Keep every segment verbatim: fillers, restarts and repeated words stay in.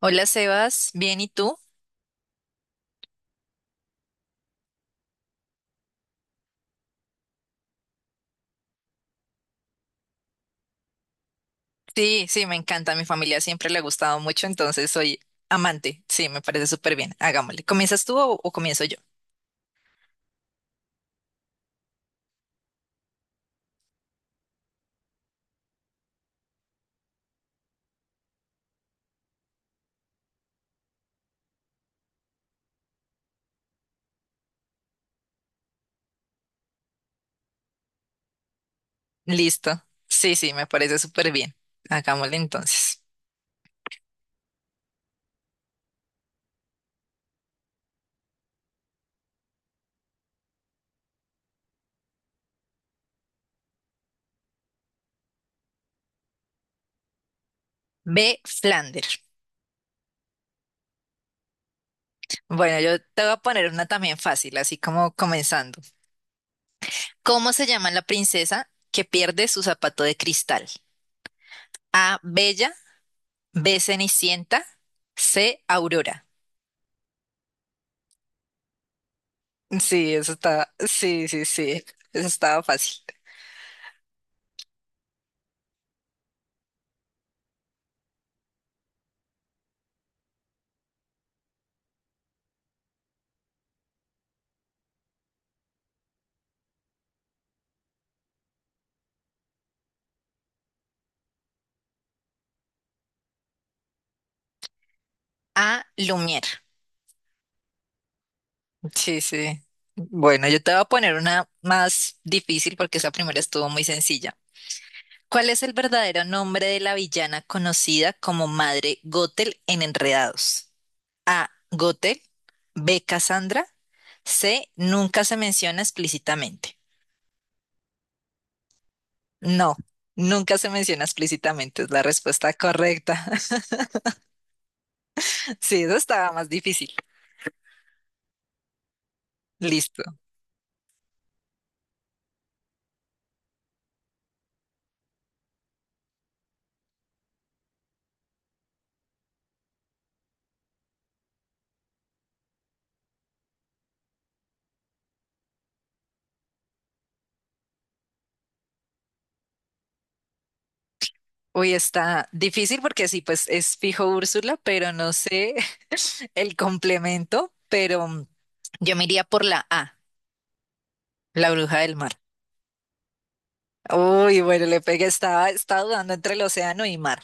Hola Sebas, ¿bien y tú? Sí, sí, me encanta, a mi familia siempre le ha gustado mucho, entonces soy amante, sí, me parece súper bien, hagámosle. ¿Comienzas tú o, o comienzo yo? Listo, sí, sí, me parece súper bien, hagámosle entonces. B. Flander. Bueno, yo te voy a poner una también fácil, así como comenzando. ¿Cómo se llama la princesa que pierde su zapato de cristal? A. Bella, B. Cenicienta, C. Aurora. Sí, eso está, sí, sí, sí, eso estaba fácil. A. Lumière. Sí, sí. Bueno, yo te voy a poner una más difícil porque esa primera estuvo muy sencilla. ¿Cuál es el verdadero nombre de la villana conocida como Madre Gothel en Enredados? A. Gothel. B. Cassandra. C. Nunca se menciona explícitamente. No, nunca se menciona explícitamente es la respuesta correcta. Sí, eso estaba más difícil. Listo. Uy, está difícil porque sí, pues es fijo Úrsula, pero no sé el complemento, pero mm, yo me iría por la A, la bruja del mar. Uy, bueno, le pegué, estaba, estaba dudando entre el océano y mar.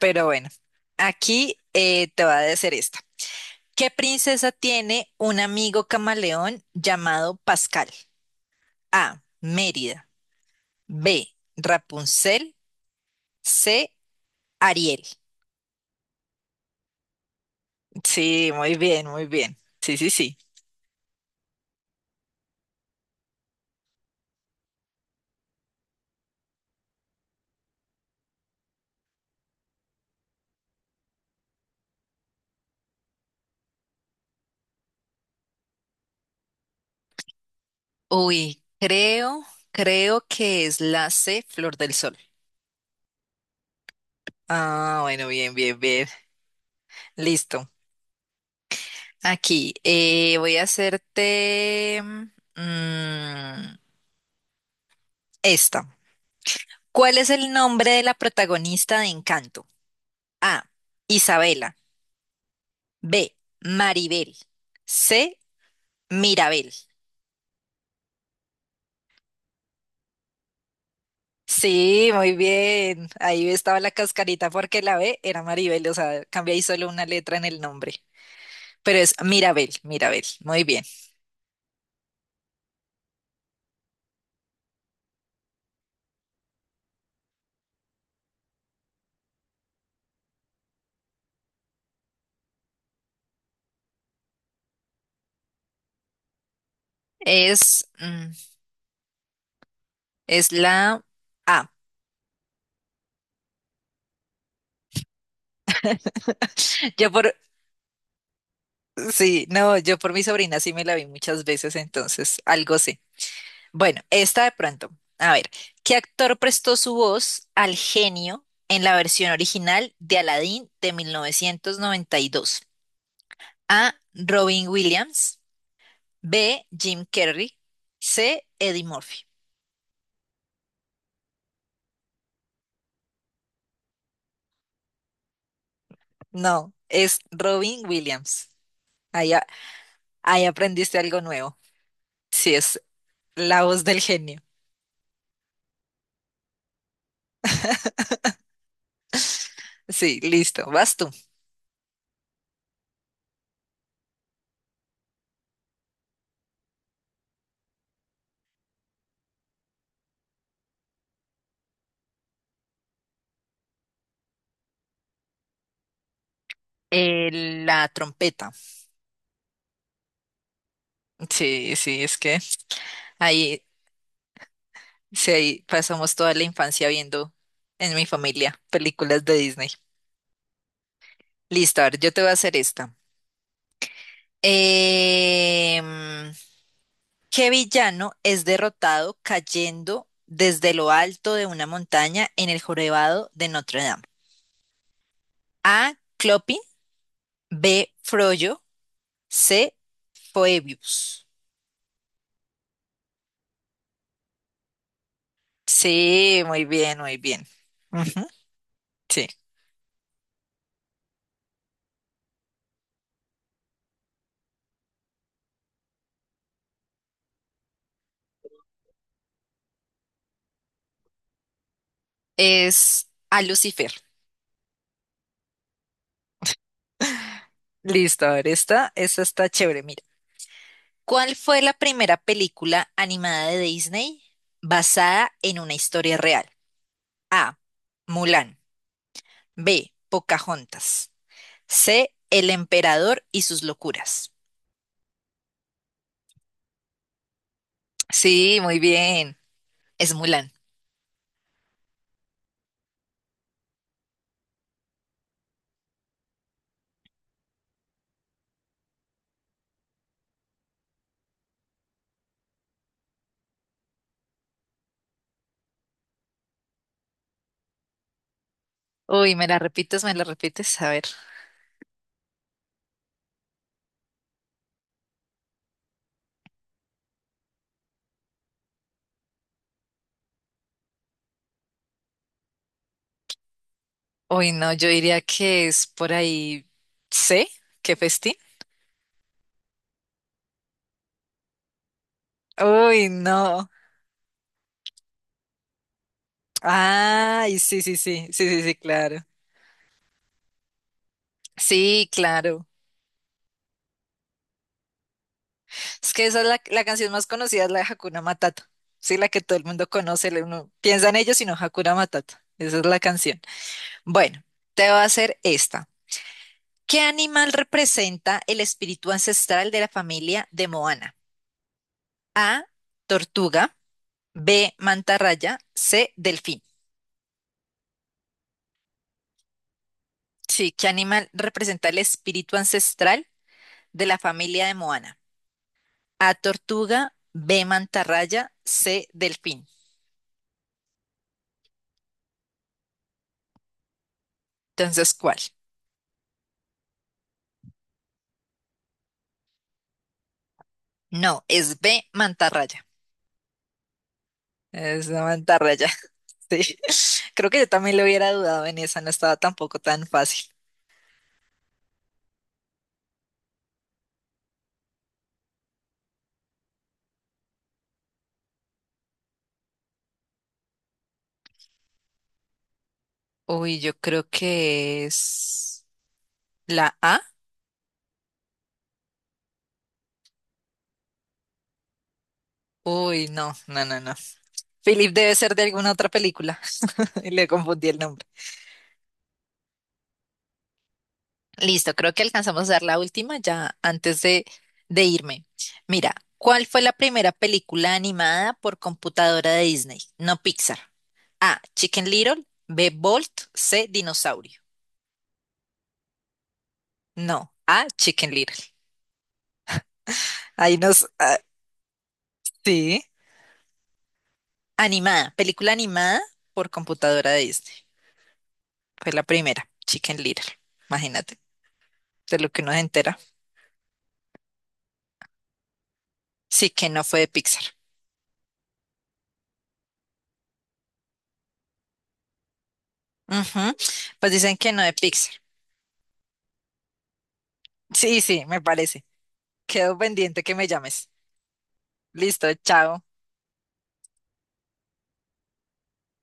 Pero bueno, aquí eh, te va a decir esta. ¿Qué princesa tiene un amigo camaleón llamado Pascal? A. Mérida. B. Rapunzel. C. Ariel. Sí, muy bien, muy bien. Sí, sí, sí. Uy, creo, creo que es la C, Flor del Sol. Ah, bueno, bien, bien, bien. Listo. Aquí, eh, voy a hacerte mm, mm, esta. ¿Cuál es el nombre de la protagonista de Encanto? A. Isabela. B. Maribel. C. Mirabel. Sí, muy bien. Ahí estaba la cascarita porque la B era Maribel, o sea, cambié ahí solo una letra en el nombre. Pero es Mirabel, Mirabel. Muy bien. Es, mm, es la A. Yo por, sí, no, yo por mi sobrina sí me la vi muchas veces, entonces algo sé. Bueno, esta de pronto. A ver, ¿qué actor prestó su voz al genio en la versión original de Aladdin de mil novecientos noventa y dos? A. Robin Williams. B. Jim Carrey. C. Eddie Murphy. No, es Robin Williams. Ahí, a- ahí aprendiste algo nuevo. Sí, es la voz del genio. Sí, listo, vas tú. Eh, la trompeta. Sí, sí, es que ahí, sí, ahí pasamos toda la infancia viendo en mi familia películas de Disney. Listo, a ver, yo te voy a hacer esta. Em, ¿qué villano es derrotado cayendo desde lo alto de una montaña en el jorobado de Notre Dame? A. Clopin, B. Frollo, C. Phoebus. Sí, muy bien, muy bien. Ujú, sí, es a Lucifer. Listo, a ver, esta, esta está chévere, mira. ¿Cuál fue la primera película animada de Disney basada en una historia real? A. Mulan. B. Pocahontas. C. El emperador y sus locuras. Sí, muy bien. Es Mulan. Uy, ¿me la repites? ¿Me la repites? A ver. Uy, no, yo diría que es por ahí C. ¿Qué festín? Uy, no. Ay, sí, sí, sí. Sí, sí, sí, claro. Sí, claro. Es que esa es la, la canción más conocida, es la de Hakuna Matata. Sí, la que todo el mundo conoce, le- uno piensa en ellos, sino Hakuna Matata. Esa es la canción. Bueno, te voy a hacer esta. ¿Qué animal representa el espíritu ancestral de la familia de Moana? A, tortuga, B, mantarraya, C, delfín. Sí, ¿qué animal representa el espíritu ancestral de la familia de Moana? A, tortuga, B, mantarraya, C, delfín. Entonces, ¿cuál? No, es B, mantarraya. Es una mantarraya. Sí, creo que yo también lo hubiera dudado en esa, no estaba tampoco tan fácil. Uy, yo creo que es la A. Uy, no, no, no, no. Philip debe ser de alguna otra película. Y le confundí el nombre. Listo, creo que alcanzamos a dar la última ya antes de, de irme. Mira, ¿cuál fue la primera película animada por computadora de Disney? No Pixar. A. Chicken Little. B. Bolt. C. Dinosaurio. No. A. Chicken Little. Ahí nos... ah, sí. Animada, película animada por computadora de Disney. Fue la primera, Chicken Little. Imagínate, de lo que uno se entera. Sí, que no fue de Pixar. Ujú, pues dicen que no de Pixar. Sí, sí, me parece. Quedo pendiente que me llames. Listo, chao.